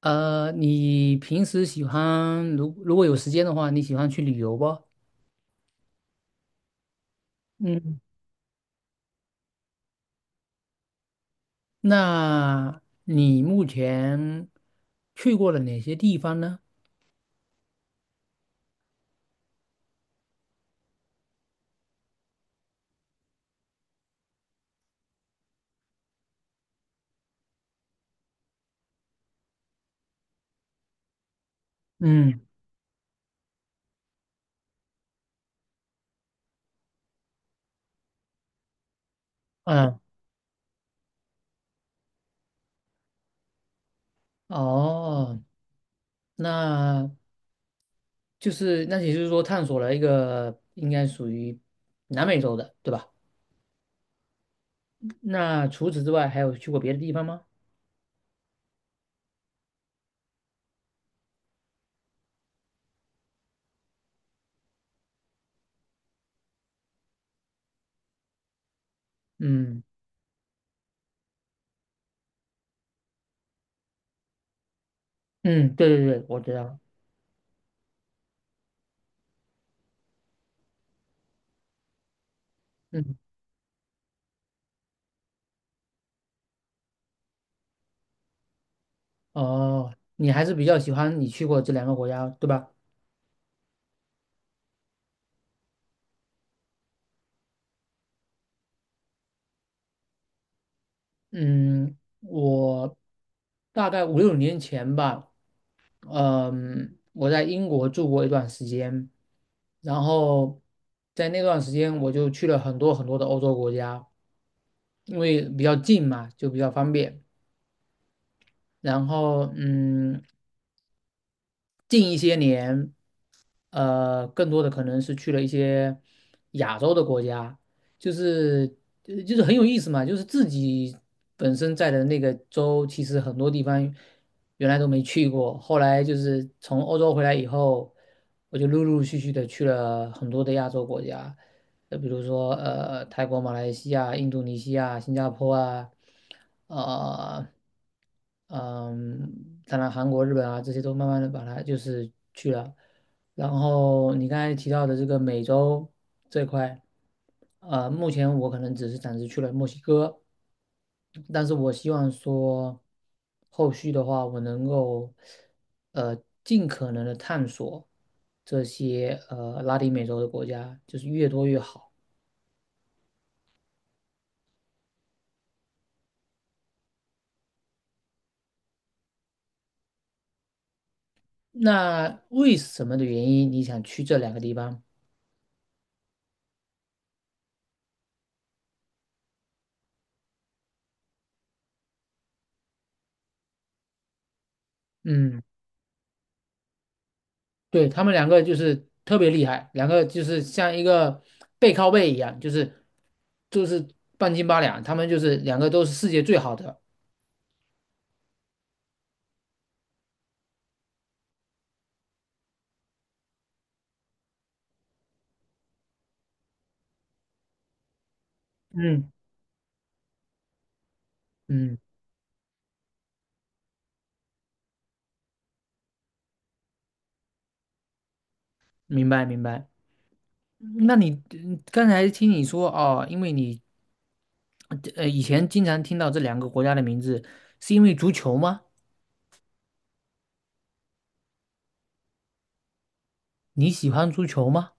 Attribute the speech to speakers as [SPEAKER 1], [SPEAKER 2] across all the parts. [SPEAKER 1] 你平时喜欢，如果有时间的话，你喜欢去旅游不？嗯，那你目前去过了哪些地方呢？嗯嗯。哦，那就是那也就是说探索了一个应该属于南美洲的，对吧？那除此之外还有去过别的地方吗？嗯嗯，对对对，我知道。嗯。哦，你还是比较喜欢你去过这两个国家，对吧？嗯，我大概五六年前吧，嗯，我在英国住过一段时间，然后在那段时间我就去了很多很多的欧洲国家，因为比较近嘛，就比较方便。然后嗯，近一些年，更多的可能是去了一些亚洲的国家。就是就是很有意思嘛，就是自己本身在的那个州，其实很多地方原来都没去过，后来就是从欧洲回来以后，我就陆陆续续的去了很多的亚洲国家，就比如说泰国、马来西亚、印度尼西亚、新加坡啊，呃，嗯，当然韩国、日本啊这些都慢慢的把它就是去了。然后你刚才提到的这个美洲这块，目前我可能只是暂时去了墨西哥，但是我希望说后续的话，我能够呃尽可能的探索这些拉丁美洲的国家，就是越多越好。那为什么的原因你想去这两个地方？嗯，对，他们两个就是特别厉害，两个就是像一个背靠背一样，就是半斤八两，他们就是两个都是世界最好的。嗯嗯，明白明白。那你嗯刚才听你说哦，因为你以前经常听到这两个国家的名字，是因为足球吗？你喜欢足球吗？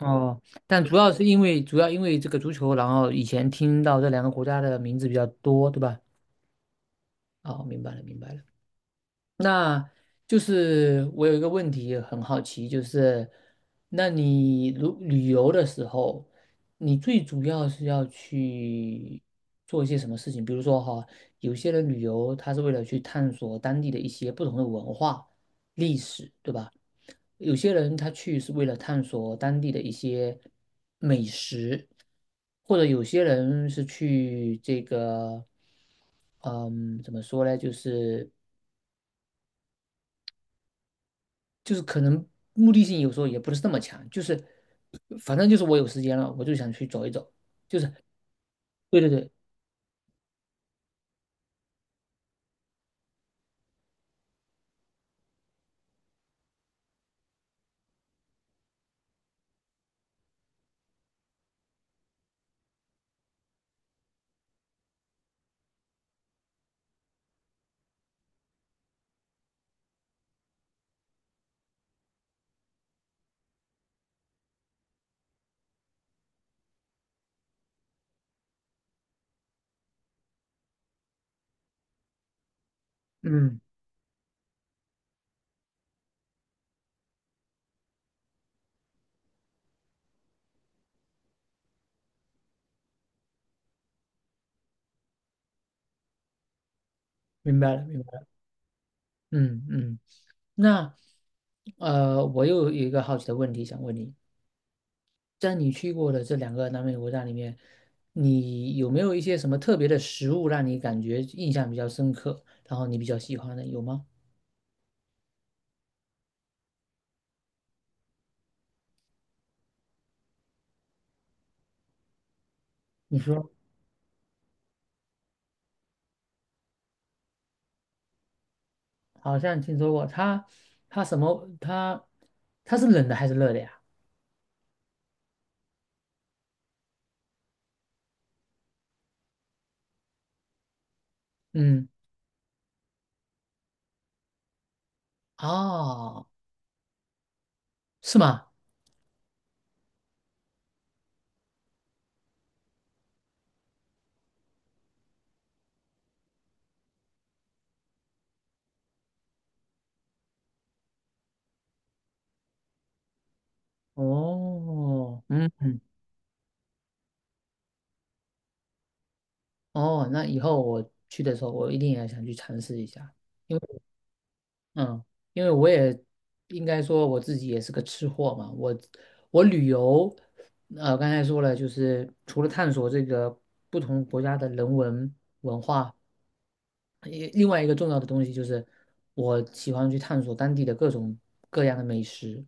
[SPEAKER 1] 哦，但主要是因为主要因为这个足球，然后以前听到这两个国家的名字比较多，对吧？哦，明白了，明白了。那就是我有一个问题很好奇，就是那你如旅游的时候，你最主要是要去做一些什么事情？比如说哈，有些人旅游他是为了去探索当地的一些不同的文化、历史，对吧？有些人他去是为了探索当地的一些美食，或者有些人是去这个，嗯，怎么说呢？就是可能目的性有时候也不是那么强，就是反正就是我有时间了，我就想去走一走，就是对对对。嗯，明白了明白了，嗯嗯。那我又有一个好奇的问题想问你。在你去过的这两个南美国家里面，你有没有一些什么特别的食物让你感觉印象比较深刻，然后你比较喜欢的，有吗？你说好像听说过，它它什么它它是冷的还是热的呀？嗯，哦，是吗？哦，嗯嗯。哦，那以后我去的时候，我一定也想去尝试一下。因为，嗯，因为我也应该说我自己也是个吃货嘛，我我旅游，刚才说了，就是除了探索这个不同国家的人文文化，也另外一个重要的东西就是我喜欢去探索当地的各种各样的美食。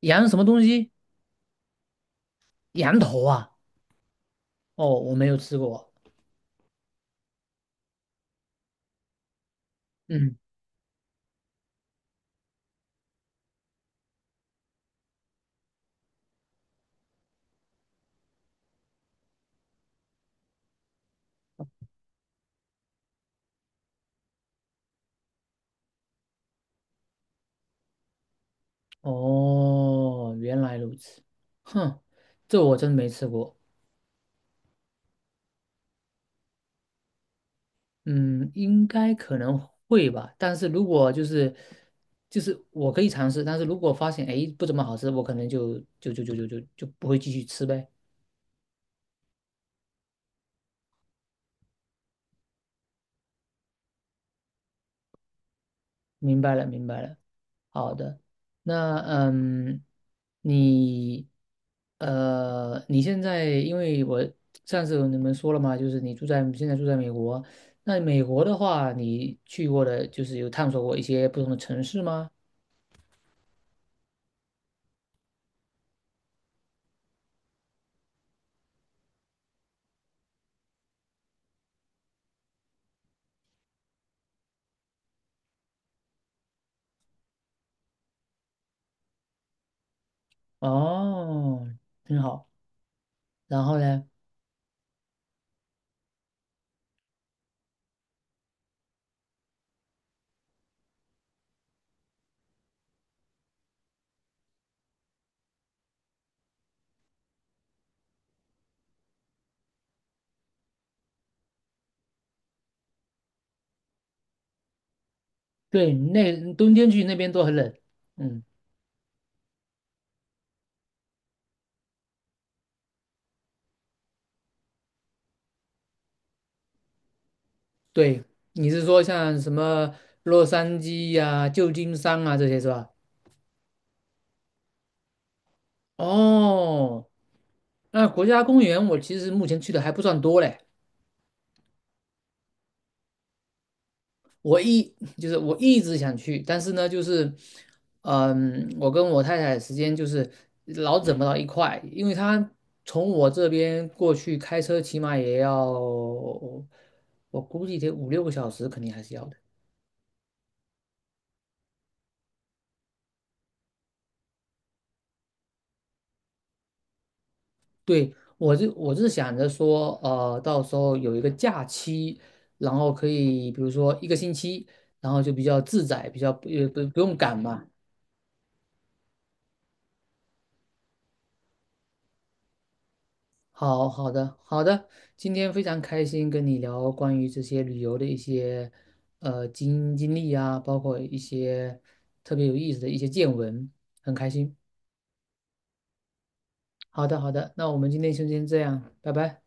[SPEAKER 1] 羊什么东西？羊头啊？哦，我没有吃过。嗯，哦，原来如此。哼，这我真没吃过。嗯，应该可能会吧，但是如果就是就是我可以尝试，但是如果发现哎不怎么好吃，我可能就不会继续吃呗。明白了，明白了。好的，那嗯，你你现在因为我上次有你们说了嘛，就是你住在现在住在美国，那美国的话，你去过的就是有探索过一些不同的城市吗？哦，很好。然后呢？对，那冬天去那边都很冷。嗯，对，你是说像什么洛杉矶呀、旧金山啊这些是吧？哦，那国家公园我其实目前去的还不算多嘞。我一我一直想去，但是呢，就是，嗯，我跟我太太时间就是老整不到一块，因为她从我这边过去开车起码也要，我估计得五六个小时，肯定还是要的。对，我就我是想着说，到时候有一个假期，然后可以比如说一个星期，然后就比较自在，比较也不用赶嘛。好好的好的，今天非常开心跟你聊关于这些旅游的一些经历啊，包括一些特别有意思的一些见闻，很开心。好的好的，那我们今天就先这样，拜拜。